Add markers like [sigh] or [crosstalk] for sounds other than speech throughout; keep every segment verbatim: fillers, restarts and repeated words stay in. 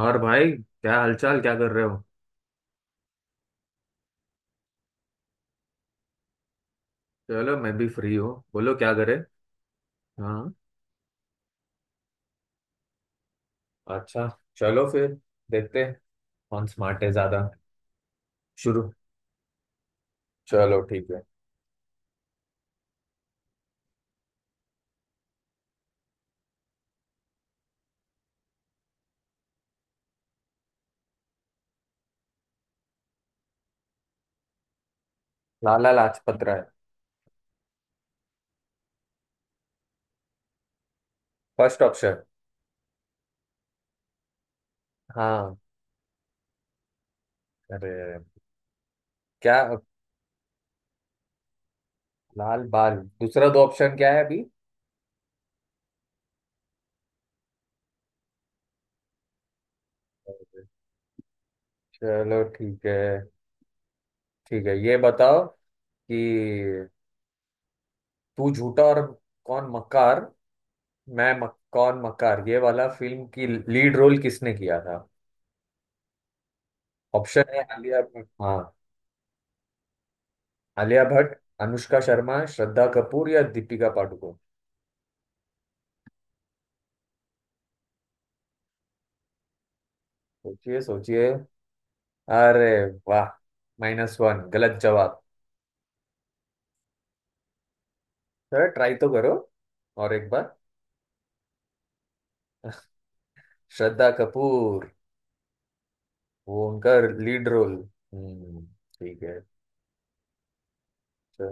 और भाई, क्या हालचाल, क्या कर रहे हो। चलो, मैं भी फ्री हूँ, बोलो क्या करे। हाँ। अच्छा। चलो फिर। देखते हैं। कौन स्मार्ट है ज्यादा। शुरू। चलो ठीक है। लाला लाजपत राय। First option. हाँ। अरे, क्या। लाल बाल। दूसरा दो ऑप्शन क्या है अभी। अरे, चलो ठीक है। ठीक है, ये बताओ कि तू झूठा और कौन मक्कार। मैं मक, कौन मक्कार, ये वाला फिल्म की लीड रोल किसने किया था। ऑप्शन है, आलिया भट्ट, हाँ। आलिया भट्ट, अनुष्का शर्मा, श्रद्धा कपूर या दीपिका पादुकोण। सोचिए सोचिए। अरे वाह। माइनस वन, गलत जवाब। सर ट्राई तो करो और एक बार। श्रद्धा कपूर। वो उनका लीड रोल। हम्म। ठीक है। अच्छा।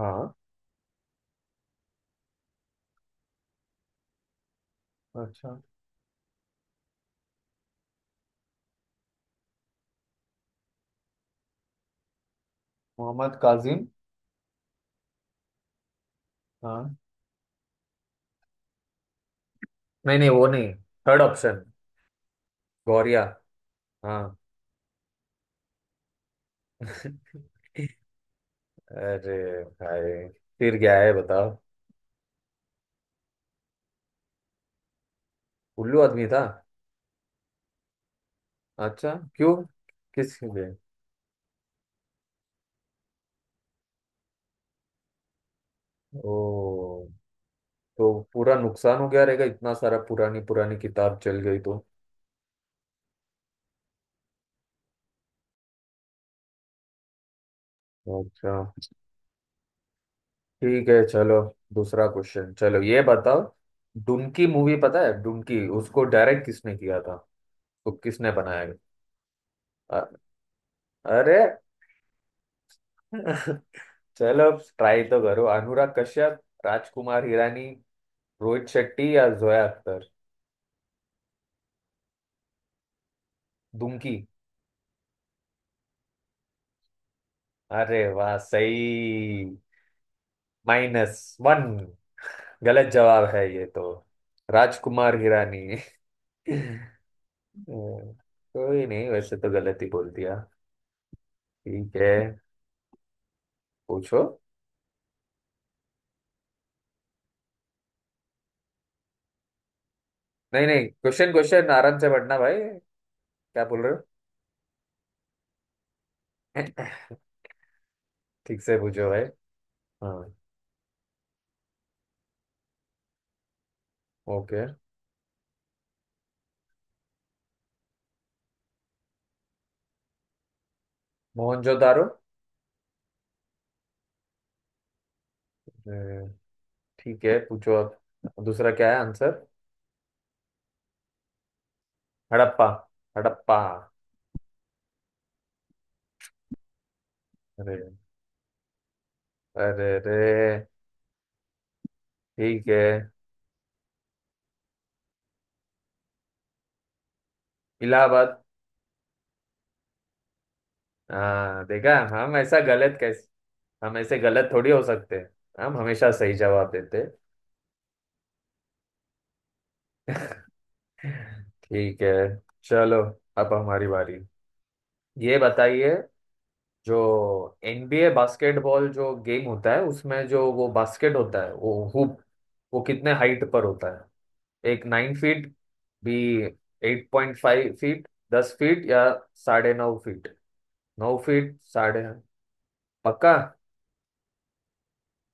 हाँ। अच्छा। मोहम्मद काजिम। हाँ। नहीं नहीं वो नहीं। Third option. गौरिया। हाँ। [laughs] अरे भाई, फिर क्या है बताओ। उल्लू आदमी था। अच्छा, क्यों। किस लिए। ओ। तो पूरा नुकसान हो गया रहेगा, इतना सारा पुरानी पुरानी किताब चल गई तो। अच्छा। ठीक है चलो। दूसरा क्वेश्चन, चलो ये बताओ। डुनकी मूवी पता है। डुनकी उसको डायरेक्ट किसने किया था। तो किसने बनाया। अ- अरे। [laughs] चलो, ट्राई तो करो। अनुराग कश्यप, राजकुमार हिरानी, रोहित शेट्टी या जोया अख्तर। डुनकी। अरे वाह सही। Minus one. गलत जवाब है ये तो। राजकुमार हिरानी। [laughs] [laughs] हम्म, कोई नहीं, वैसे तो गलत ही बोल दिया। ठीक है पूछो। नहीं नहीं, क्वेश्चन क्वेश्चन आराम से पढ़ना भाई। क्या बोल रहे हो। [laughs] ठीक से पूछो भाई। हाँ। ओके। मोहनजोदारो। अ, ठीक है, पूछो अब दूसरा क्या है आंसर। हड़प्पा। हड़प्पा। अरे अरे अरे। ठीक है। इलाहाबाद। हाँ देखा, हम ऐसा गलत कैसे। हम ऐसे गलत थोड़ी हो सकते हैं, हम हमेशा सही जवाब देते। ठीक है चलो। अब हमारी बारी। ये बताइए, जो एन बी ए बास्केटबॉल जो गेम होता है, उसमें जो वो बास्केट होता है, वो हुप, वो कितने हाइट पर होता है। एक, नाइन फीट। बी, एट पॉइंट फाइव फीट, दस फीट या साढ़े नौ फीट। नौ फीट साढ़े। पक्का।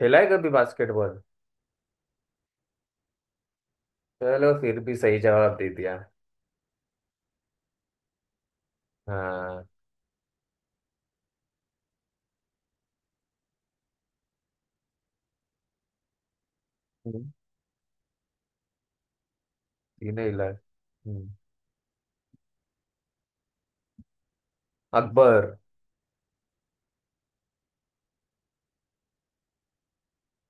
खेला है कभी बास्केटबॉल। चलो फिर भी सही जवाब दे दिया। हाँ। हम्म, तीनों इलाज। हम्म, अकबर।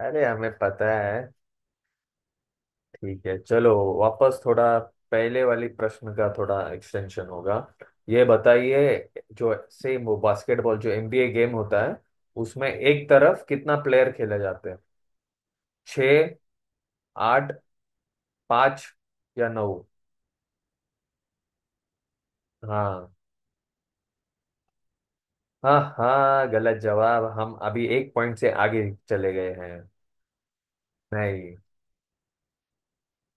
अरे हमें पता है। ठीक है चलो। वापस थोड़ा। पहले वाली प्रश्न का थोड़ा एक्सटेंशन होगा। ये बताइए, जो सेम वो बास्केटबॉल जो एन बी ए गेम होता है, उसमें एक तरफ कितना प्लेयर खेले जाते हैं। छः, आठ, पाँच या नौ। हाँ। हाँ हाँ, गलत जवाब, हम अभी एक पॉइंट से आगे चले गए हैं। नहीं।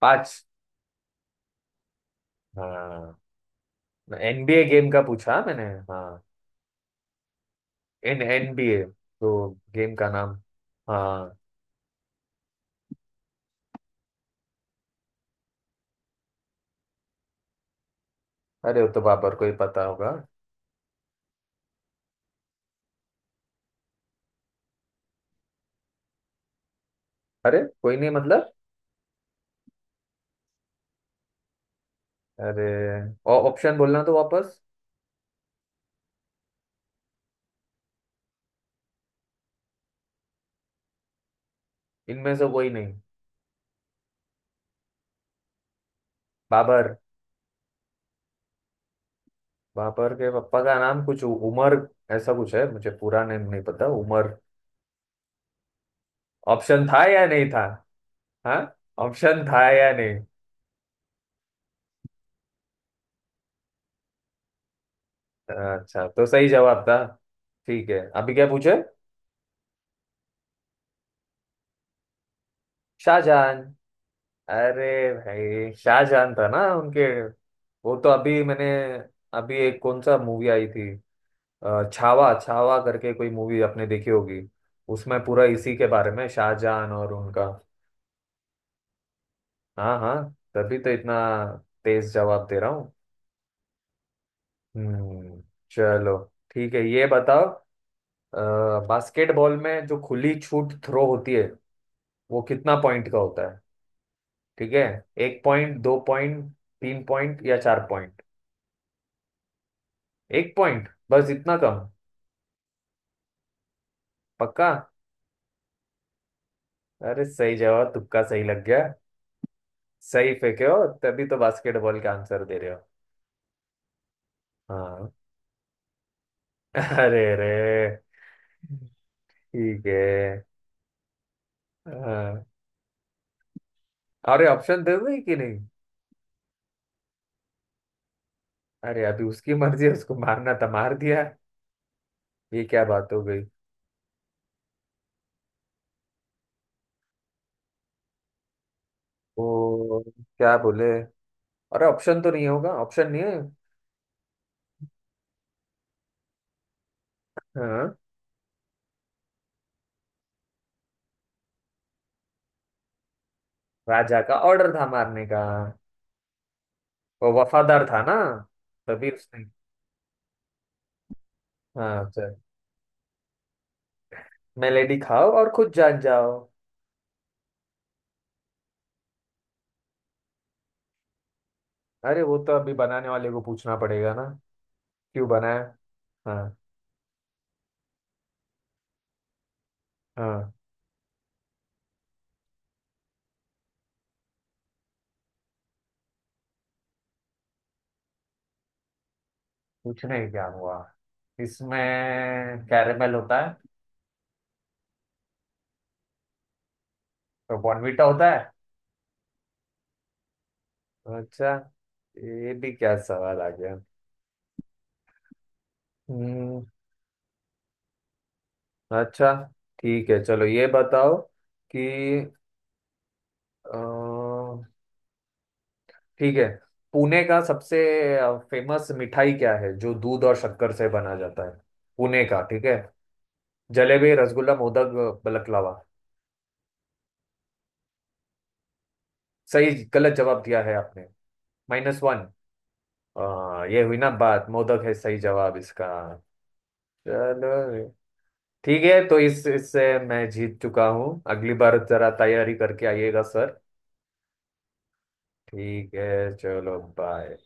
पाँच। हाँ। एन बी ए गेम का पूछा मैंने। हाँ। इन एन बी ए। तो गेम का नाम। हाँ। अरे, वो तो बाबर को ही पता होगा। अरे कोई नहीं मतलब। अरे, और ऑप्शन बोलना तो वापस। इनमें से कोई नहीं। बाबर। बाबर के पापा का नाम कुछ उ- उमर। ऐसा कुछ है, मुझे पूरा नेम नहीं पता, उमर। ऑप्शन था या नहीं था। हाँ। ऑप्शन था या नहीं। अच्छा तो सही जवाब था। ठीक है, अभी क्या पूछे। शाहजहान। अरे भाई, शाहजहान था ना उनके। वो तो अभी मैंने। अभी एक कौन सा मूवी आई थी। अ, छावा, छावा करके कोई मूवी आपने देखी होगी। उसमें पूरा इसी के बारे में, शाहजहान और उनका। हाँ हाँ। तभी तो इतना तेज जवाब दे रहा हूँ। हम्म। चलो। ठीक है, ये बताओ। अ, बास्केटबॉल में जो खुली छूट थ्रो होती है वो कितना पॉइंट का होता है। ठीक है। एक पॉइंट, दो पॉइंट, तीन पॉइंट या चार पॉइंट। एक पॉइंट बस, इतना कम। पक्का। अरे सही जवाब, तुक्का सही लग गया। सही फेंके हो तभी तो बास्केटबॉल का आंसर दे रहे हो। हाँ। अरे रे। ठीक है। हाँ, अरे ऑप्शन दे दो कि नहीं। अरे अभी उसकी मर्जी है, उसको मारना था मार दिया। ये क्या बात हो गई। वो क्या बोले। अरे ऑप्शन तो नहीं होगा, ऑप्शन नहीं है। हाँ। राजा का ऑर्डर था मारने का। वो वफादार था ना, तभी उसने। हाँ सर। मेलेडी खाओ और खुद जान जाओ। अरे वो तो अभी बनाने वाले को पूछना पड़ेगा ना, क्यों बनाया। हाँ। हाँ। पूछने ही क्या हुआ। इसमें कैरेमल होता है। तो बॉर्नवीटा होता है। अच्छा। ये भी क्या सवाल आ गया। हम्म। अच्छा। ठीक है चलो ये बताओ कि अ, ठीक है, पुणे का सबसे फेमस मिठाई क्या है जो दूध और शक्कर से बना जाता है। पुणे का। ठीक है। जलेबी, रसगुल्ला, मोदक, बलकलावा। सही, गलत जवाब दिया है आपने। Minus one. आ, ये हुई ना बात, मोदक है सही जवाब इसका। चलो। ठीक है, तो इस इससे मैं जीत चुका हूँ, अगली बार जरा तैयारी करके आइएगा सर। ठीक है चलो बाय।